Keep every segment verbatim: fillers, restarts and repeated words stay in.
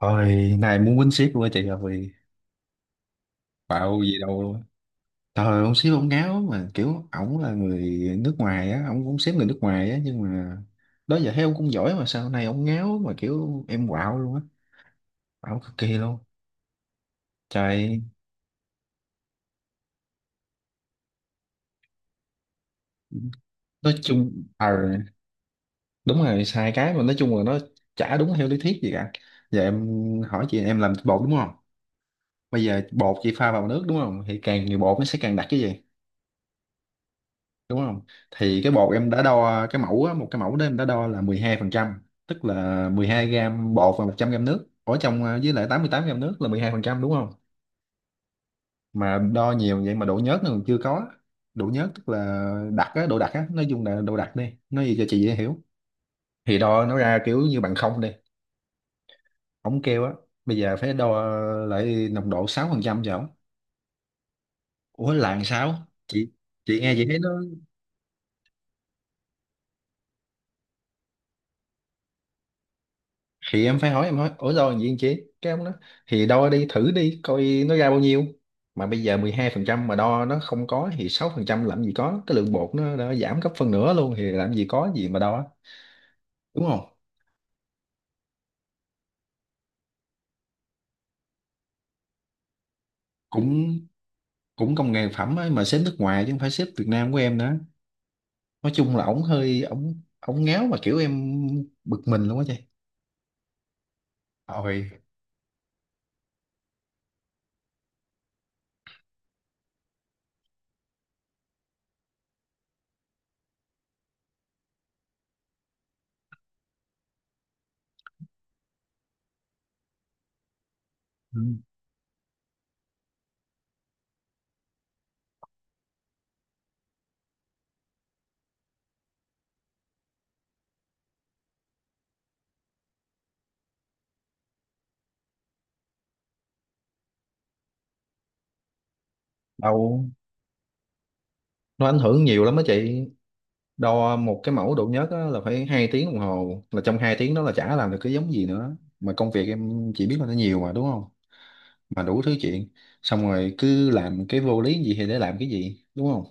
Thôi, này muốn quýnh ship luôn á chị rồi. Bạo gì đâu luôn á. Trời, ông ship ông ngáo mà kiểu ổng là người nước ngoài á, ổng cũng ship người nước ngoài á nhưng mà đó giờ thấy ông cũng giỏi mà sao này ông ngáo mà kiểu em quạo luôn á, quạo cực kỳ luôn. Trời, nói chung ờ đúng rồi sai cái mà nói chung là nó chả đúng theo lý thuyết gì cả. Giờ em hỏi chị, em làm bột đúng không? Bây giờ bột chị pha vào nước đúng không? Thì càng nhiều bột nó sẽ càng đặc cái gì? Đúng không, thì cái bột em đã đo cái mẫu á, một cái mẫu đó em đã đo là mười hai phần trăm, tức là mười hai gram bột và một trăm gram nước ở trong à, với lại tám mươi tám gram nước là mười hai phần trăm đúng không. Mà đo nhiều vậy mà độ nhớt nó còn chưa có. Độ nhớt tức là đặc á, độ đặc á, nói chung là độ đặc đi, nói gì cho chị dễ hiểu. Thì đo nó ra kiểu như bằng không đi. Ổng kêu á, bây giờ phải đo lại nồng độ sáu phần trăm cho ổng. Ủa là làm sao chị chị nghe chị thấy nó. Thì em phải hỏi, em hỏi ủa rồi gì anh chị, cái ông đó thì đo đi thử đi coi nó ra bao nhiêu, mà bây giờ mười hai phần trăm mà đo nó không có thì sáu phần trăm làm gì có, cái lượng bột nó đã giảm gấp phân nửa luôn thì làm gì có gì mà đo, đúng không. Cũng cũng công nghệ phẩm ấy, mà xếp nước ngoài chứ không phải xếp Việt Nam của em nữa. Nói chung là ổng hơi, ổng ổng ngáo mà kiểu em bực mình luôn á chị. Ôi, ừ, đâu, nó ảnh hưởng nhiều lắm á chị. Đo một cái mẫu độ nhớt á, là phải hai tiếng đồng hồ, là trong hai tiếng đó là chả làm được cái giống gì nữa, mà công việc em chỉ biết là nó nhiều mà, đúng không. Mà đủ thứ chuyện, xong rồi cứ làm cái vô lý gì thì để làm cái gì, đúng không,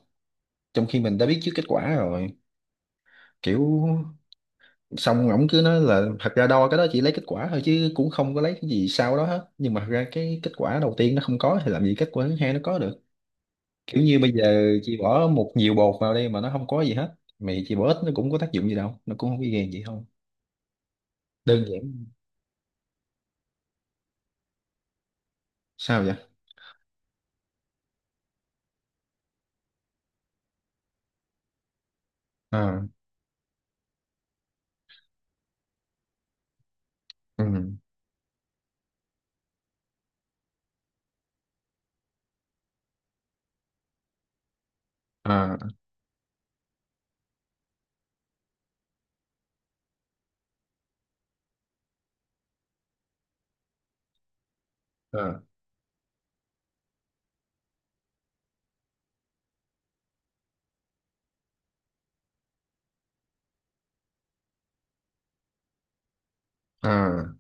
trong khi mình đã biết trước kết quả rồi. Kiểu xong ổng cứ nói là thật ra đo cái đó chỉ lấy kết quả thôi chứ cũng không có lấy cái gì sau đó hết, nhưng mà thật ra cái kết quả đầu tiên nó không có thì làm gì kết quả thứ hai nó có được. Kiểu như bây giờ chị bỏ một nhiều bột vào đây mà nó không có gì hết, mày chị bỏ ít nó cũng có tác dụng gì đâu, nó cũng không có gây gì không. Đơn giản. Sao vậy? À, ừ, à, à, à,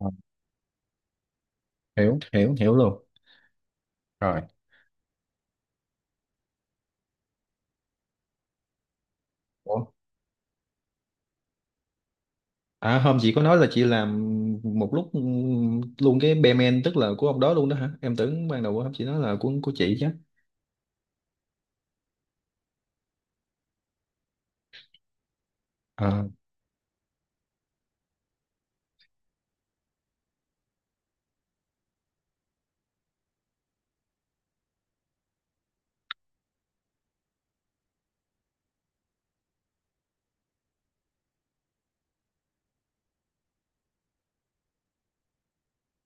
à, hiểu hiểu hiểu luôn, rồi. Ủa? À, hôm chị có nói là chị làm một lúc, ừm, luôn cái bellman, tức là của ông đó luôn đó hả, em tưởng ban đầu hôm chị nói là của của chị chứ. À,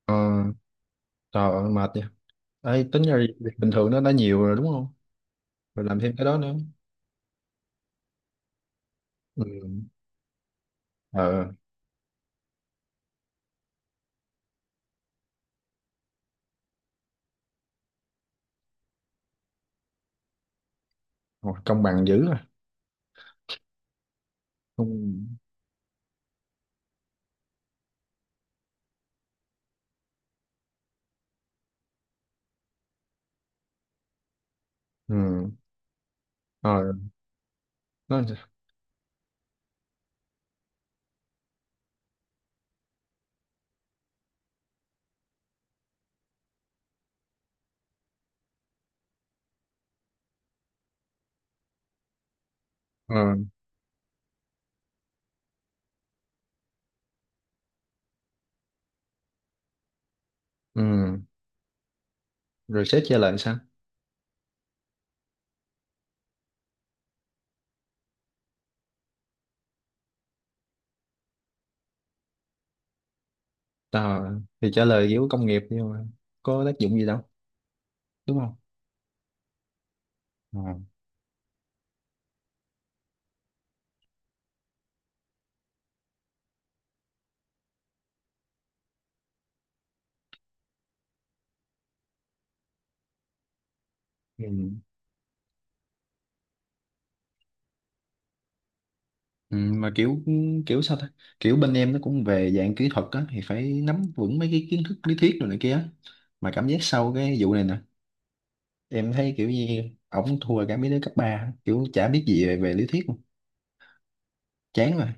à, trời ơi, mệt vậy. Ấy tính ra việc bình thường nó đã nhiều rồi đúng không, rồi làm thêm cái đó nữa. Ừ. Ờ, ủa, công bằng dữ à? Không. Ừ. Rồi. Nó. Ờ, ừ. Rồi sếp chia lại sao? Ờ, thì trả lời kiểu công nghiệp, nhưng mà có tác dụng gì đâu, đúng không. Ờ. Ừ. Ừ, mà kiểu, kiểu sao ta, kiểu bên em nó cũng về dạng kỹ thuật á, thì phải nắm vững mấy cái kiến thức lý thuyết rồi này kia á. Mà cảm giác sau cái vụ này nè, em thấy kiểu như ổng thua cả mấy đứa cấp ba, kiểu chả biết gì về, về lý thuyết luôn. Chán rồi.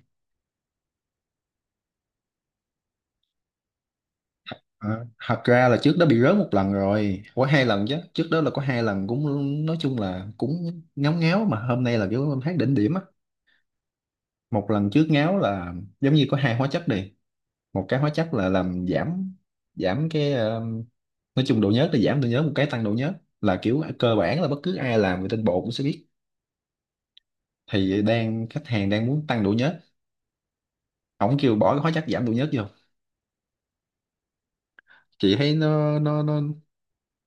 Ờ. Thật ra là trước đó bị rớt một lần rồi, có hai lần chứ, trước đó là có hai lần cũng nói chung là cũng ngáo ngáo, mà hôm nay là kiểu em thấy đỉnh điểm á. Một lần trước ngáo là giống như có hai hóa chất đi, một cái hóa chất là làm giảm, giảm cái ờ, nói chung độ nhớt, là giảm độ nhớt, một cái tăng độ nhớt, là kiểu cơ bản là bất cứ ai làm về tinh bột cũng sẽ biết. Thì đang khách hàng đang muốn tăng độ nhớt, ổng kêu bỏ cái hóa chất giảm độ nhớt vô. Chị thấy nó, nó nó,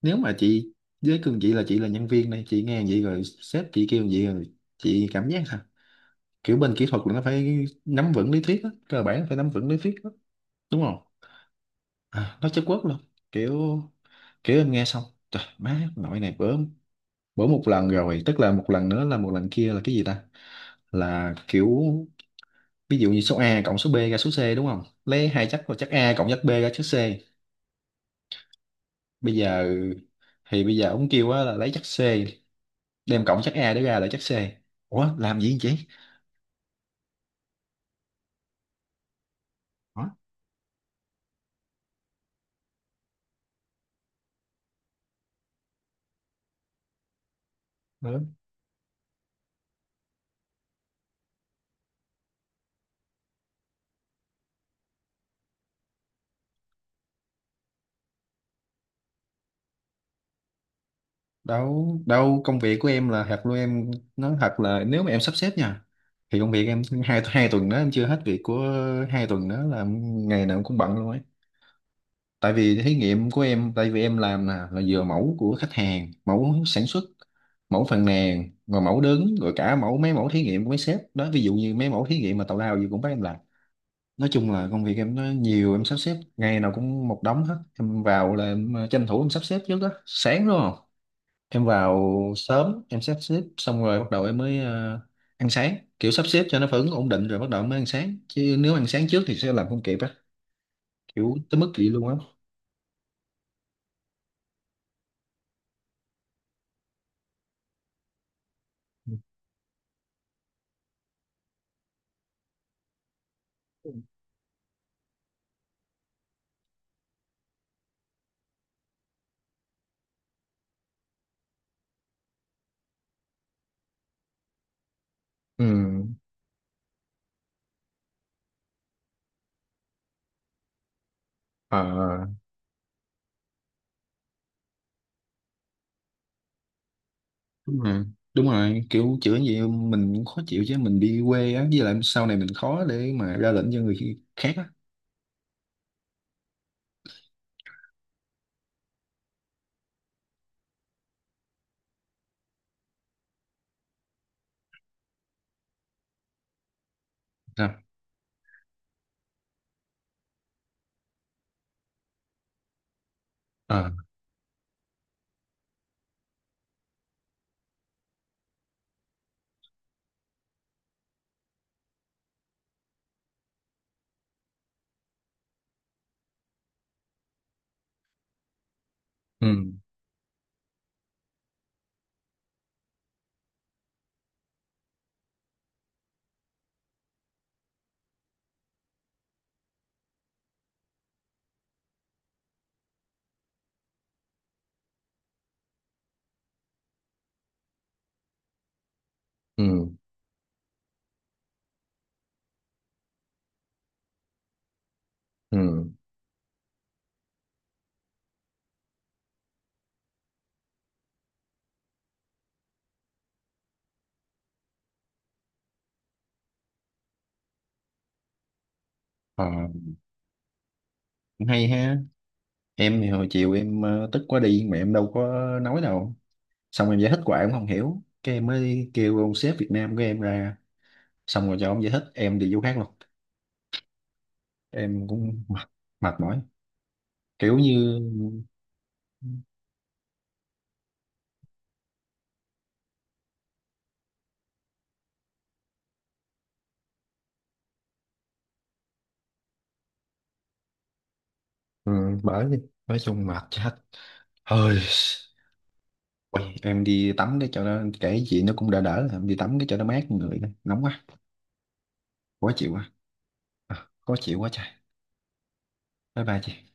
nếu mà chị, với cương chị là chị là nhân viên này, chị nghe vậy rồi sếp chị kêu vậy rồi chị cảm giác sao? Kiểu bên kỹ thuật là nó phải nắm vững lý thuyết á, cơ bản phải nắm vững lý thuyết á, đúng không. À, nói chất quốc luôn. Kiểu kiểu em nghe xong, trời má nội này bữa, bữa một lần rồi, tức là một lần nữa, là một lần kia là cái gì ta. Là kiểu ví dụ như số A cộng số B ra số C, đúng không, lấy hai chắc, là chắc A cộng chắc B ra chắc C. Bây giờ thì bây giờ ông kêu á là lấy chắc C đem cộng chắc A để ra lại chắc C. Ủa làm gì vậy chị. Ủa? Đâu, đâu, công việc của em là thật luôn em. Nói thật là nếu mà em sắp xếp nha, thì công việc em hai hai tuần đó em chưa hết việc của, hai tuần đó là ngày nào em cũng bận luôn ấy. Tại vì thí nghiệm của em, tại vì em làm nè là vừa mẫu của khách hàng, mẫu sản xuất, mẫu phàn nàn, rồi mẫu đứng, rồi cả mẫu, mấy mẫu thí nghiệm của mấy sếp đó, ví dụ như mấy mẫu thí nghiệm mà tào lao gì cũng bắt em làm. Nói chung là công việc em nó nhiều, em sắp xếp ngày nào cũng một đống hết, em vào là em à, tranh thủ em sắp xếp trước đó sáng, đúng không. Em vào sớm em sắp xếp xong rồi bắt đầu em mới ờ, ăn sáng, kiểu sắp xếp cho nó phản ứng ổn định rồi bắt đầu mới ăn sáng, chứ nếu ăn sáng trước thì sẽ làm không kịp á. Kiểu tới mức vậy luôn á. Ừ, ờ, đúng rồi đúng rồi, kiểu chữa gì mình cũng khó chịu chứ, mình đi quê á, với lại sau này mình khó để mà ra lệnh cho người khác á. Sao? Ờ, ừ, ừ, ừ, ờ, cũng hay ha. Em thì hồi chiều em ờ, tức quá đi mà em đâu có nói đâu, xong em giải thích hoài ông không hiểu, cái em mới kêu ông sếp Việt Nam của em ra, xong rồi cho ông giải thích em đi vô khác luôn. Em cũng mệt, mệt mỏi, kiểu như, ừ, bởi đi, nói chung mệt chết, hơi. Ôi, em đi tắm cái chỗ nó kể chuyện nó cũng đỡ, đỡ em đi tắm cái chỗ nó mát, người nóng quá. Khó chịu quá. À, khó chịu quá trời. Bye bye chị.